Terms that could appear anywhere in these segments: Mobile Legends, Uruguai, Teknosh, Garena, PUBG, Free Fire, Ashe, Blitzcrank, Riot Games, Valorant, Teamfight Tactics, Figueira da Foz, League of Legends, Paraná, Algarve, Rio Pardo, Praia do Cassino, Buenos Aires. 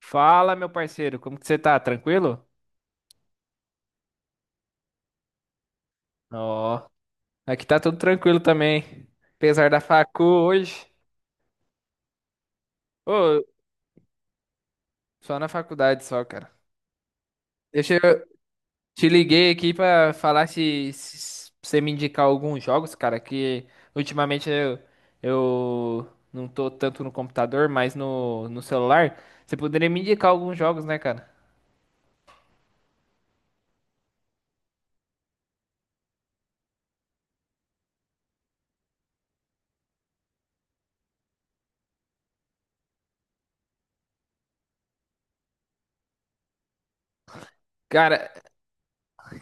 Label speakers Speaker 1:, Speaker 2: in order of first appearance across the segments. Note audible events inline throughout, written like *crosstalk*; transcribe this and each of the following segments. Speaker 1: Fala, meu parceiro, como que você tá? Tranquilo? Ó, aqui tá tudo tranquilo também. Apesar da facu hoje. Ô, só na faculdade só, cara. Deixa eu te liguei aqui pra falar se você me indicar alguns jogos, cara, que ultimamente eu não tô tanto no computador, mas no celular. Você poderia me indicar alguns jogos, né, cara? Cara,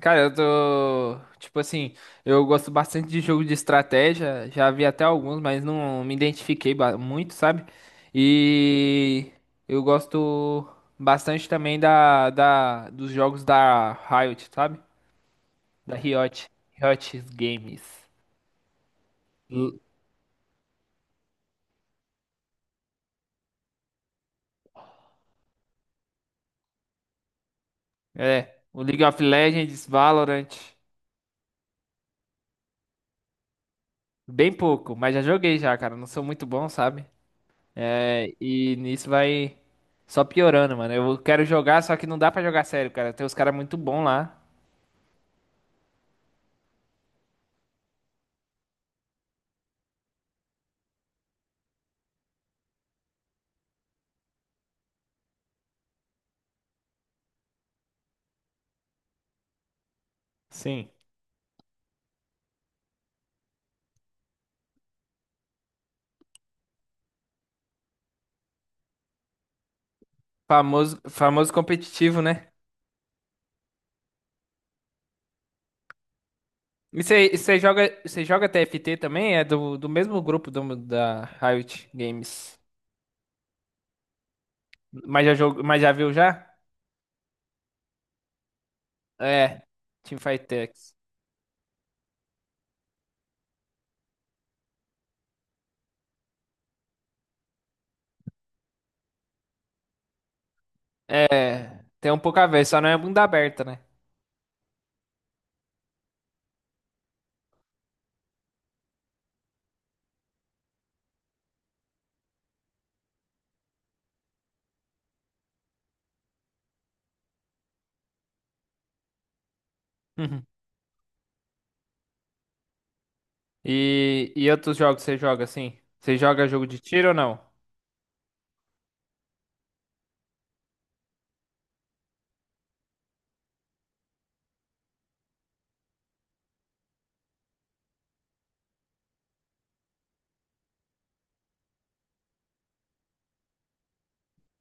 Speaker 1: Cara, eu tô. Tipo assim, eu gosto bastante de jogo de estratégia. Já vi até alguns, mas não me identifiquei muito, sabe? E eu gosto bastante também dos jogos da Riot, sabe? Da Riot. Riot Games. L- É, o League of Legends, Valorant. Bem pouco, mas já joguei já, cara. Não sou muito bom, sabe? É, e nisso vai só piorando, mano. Eu quero jogar, só que não dá pra jogar sério, cara. Tem uns caras muito bons lá. Sim. Famoso, famoso competitivo, né? E você joga TFT também? É do mesmo grupo da Riot Games. Mas já, mas já viu já? É, Teamfight Tactics. É, tem um pouco a ver, só não é bunda aberta, né? *laughs* E outros jogos você joga assim? Você joga jogo de tiro ou não?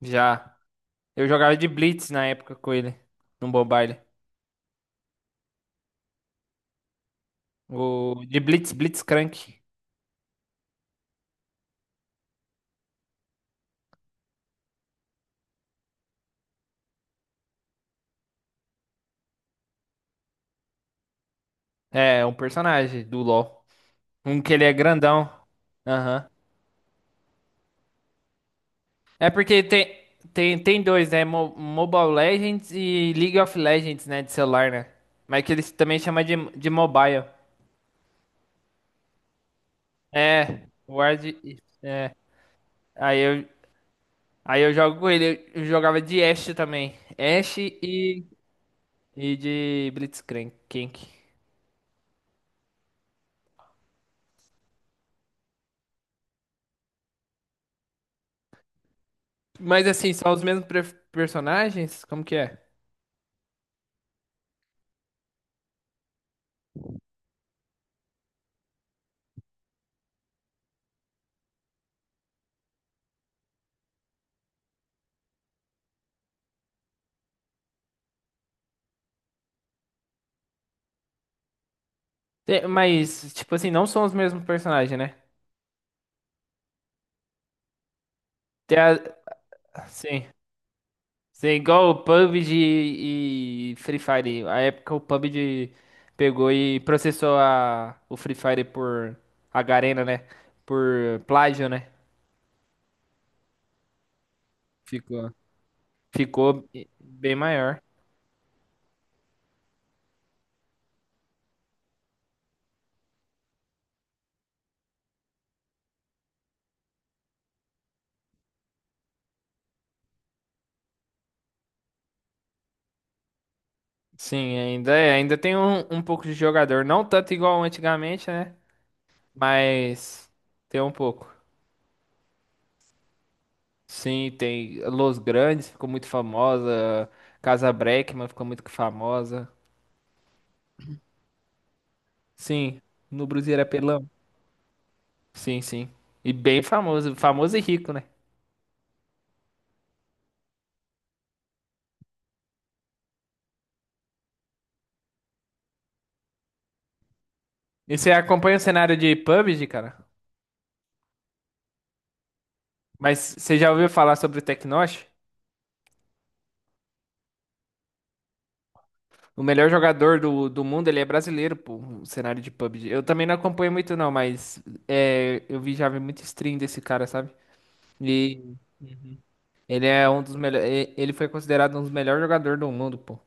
Speaker 1: Já. Eu jogava de Blitz na época com ele, no Mobile. O de Blitz, Blitzcrank. É, um personagem do LoL. Um que ele é grandão. Aham. É porque tem dois, né? Mobile Legends e League of Legends, né? De celular, né? Mas que eles também chamam de mobile. É, Ward. É. Aí eu, aí eu jogo com ele. Eu jogava de Ashe também. Ashe e de Blitzcrank. Kink. Mas assim, são os mesmos personagens? Como que é? Mas, tipo assim, não são os mesmos personagens, né? Tem a- sim. Sim, igual o PUBG e Free Fire. A época o PUBG pegou e processou a, o Free Fire por a Garena, né? Por plágio, né? Ficou. Ficou bem maior. Sim, ainda é. Ainda tem um pouco de jogador. Não tanto igual antigamente, né? Mas tem um pouco. Sim, tem Los Grandes, ficou muito famosa. Casa Breckman ficou muito famosa. Sim, no Brasil era Pelão. Sim, sim. E bem famoso, famoso e rico, né? E você acompanha o cenário de PUBG, cara? Mas você já ouviu falar sobre o Teknosh? O melhor jogador do mundo, ele é brasileiro, pô, o cenário de PUBG. Eu também não acompanho muito, não, mas já vi muito stream desse cara, sabe? E ele é um dos melhores. Ele foi considerado um dos melhores jogadores do mundo, pô.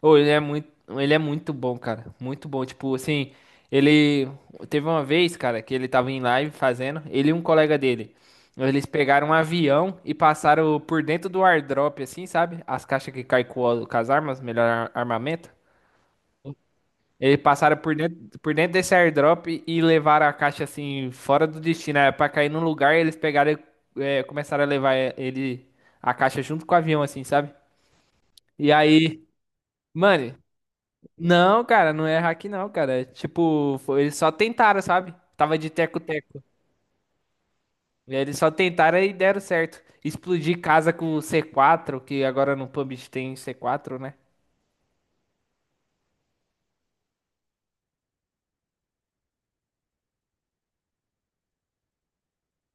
Speaker 1: Ô, ele é muito bom, cara. Muito bom. Tipo, assim, ele teve uma vez, cara, que ele tava em live fazendo, ele e um colega dele. Eles pegaram um avião e passaram por dentro do airdrop, assim, sabe? As caixas que caem com, com as armas, melhor armamento. Eles passaram por dentro desse airdrop e levaram a caixa, assim, fora do destino. Era pra cair num lugar e eles pegaram, e, começaram a levar é, ele, a caixa junto com o avião, assim, sabe? E aí, mano. Não, cara, não é hack não, cara. É tipo, eles só tentaram, sabe? Tava de teco-teco. E aí eles só tentaram e deram certo. Explodir casa com o C4, que agora no PUBG tem C4, né?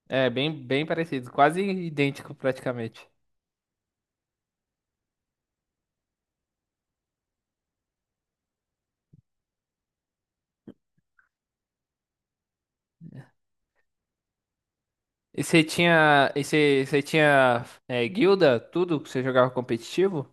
Speaker 1: É bem, bem parecido, quase idêntico praticamente. E você tinha guilda, tudo que você jogava competitivo?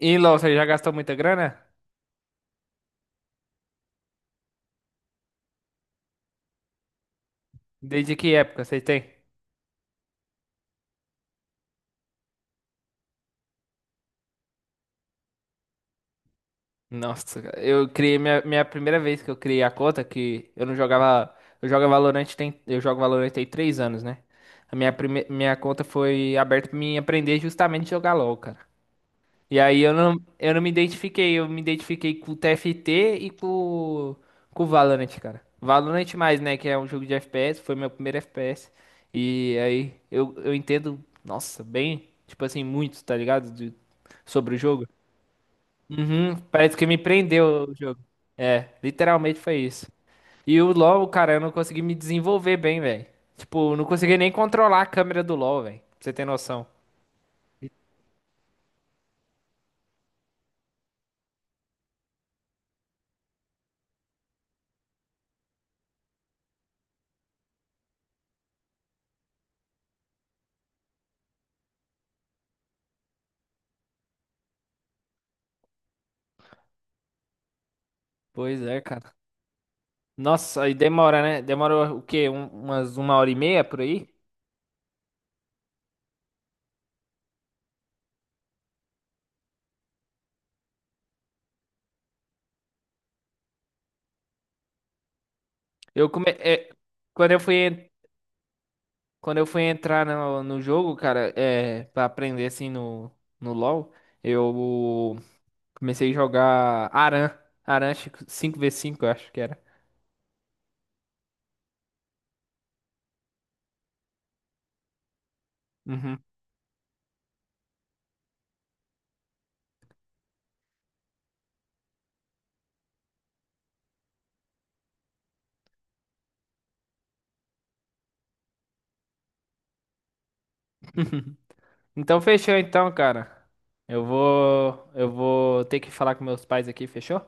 Speaker 1: E LoL, você já gastou muita grana? Desde que época você tem? Nossa, cara, eu criei minha primeira vez que eu criei a conta, que eu não jogava. Eu jogo Valorant tem 3 anos, né? A minha conta foi aberta pra mim aprender justamente a jogar LOL, cara. E aí eu não me identifiquei, eu me identifiquei com o TFT e com o Valorant, cara. Valorant mais, né? Que é um jogo de FPS, foi meu primeiro FPS. E aí eu entendo, nossa, bem, tipo assim, muito, tá ligado? Sobre o jogo. Uhum, parece que me prendeu o jogo. É, literalmente foi isso. E o LoL, cara, eu não consegui me desenvolver bem, velho. Tipo, eu não consegui nem controlar a câmera do LoL, velho. Pra você ter noção. Pois é, cara. Nossa, aí demora, né? Demora o quê? Umas uma hora e meia por aí? Eu come... é, quando eu fui, quando eu fui entrar no jogo, cara, pra aprender assim no LoL, eu comecei a jogar Aran. Aran 5v5 eu acho que era. Uhum. *laughs* Então fechou então, cara. Eu vou ter que falar com meus pais aqui, fechou?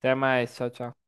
Speaker 1: Até mais, tchau, tchau.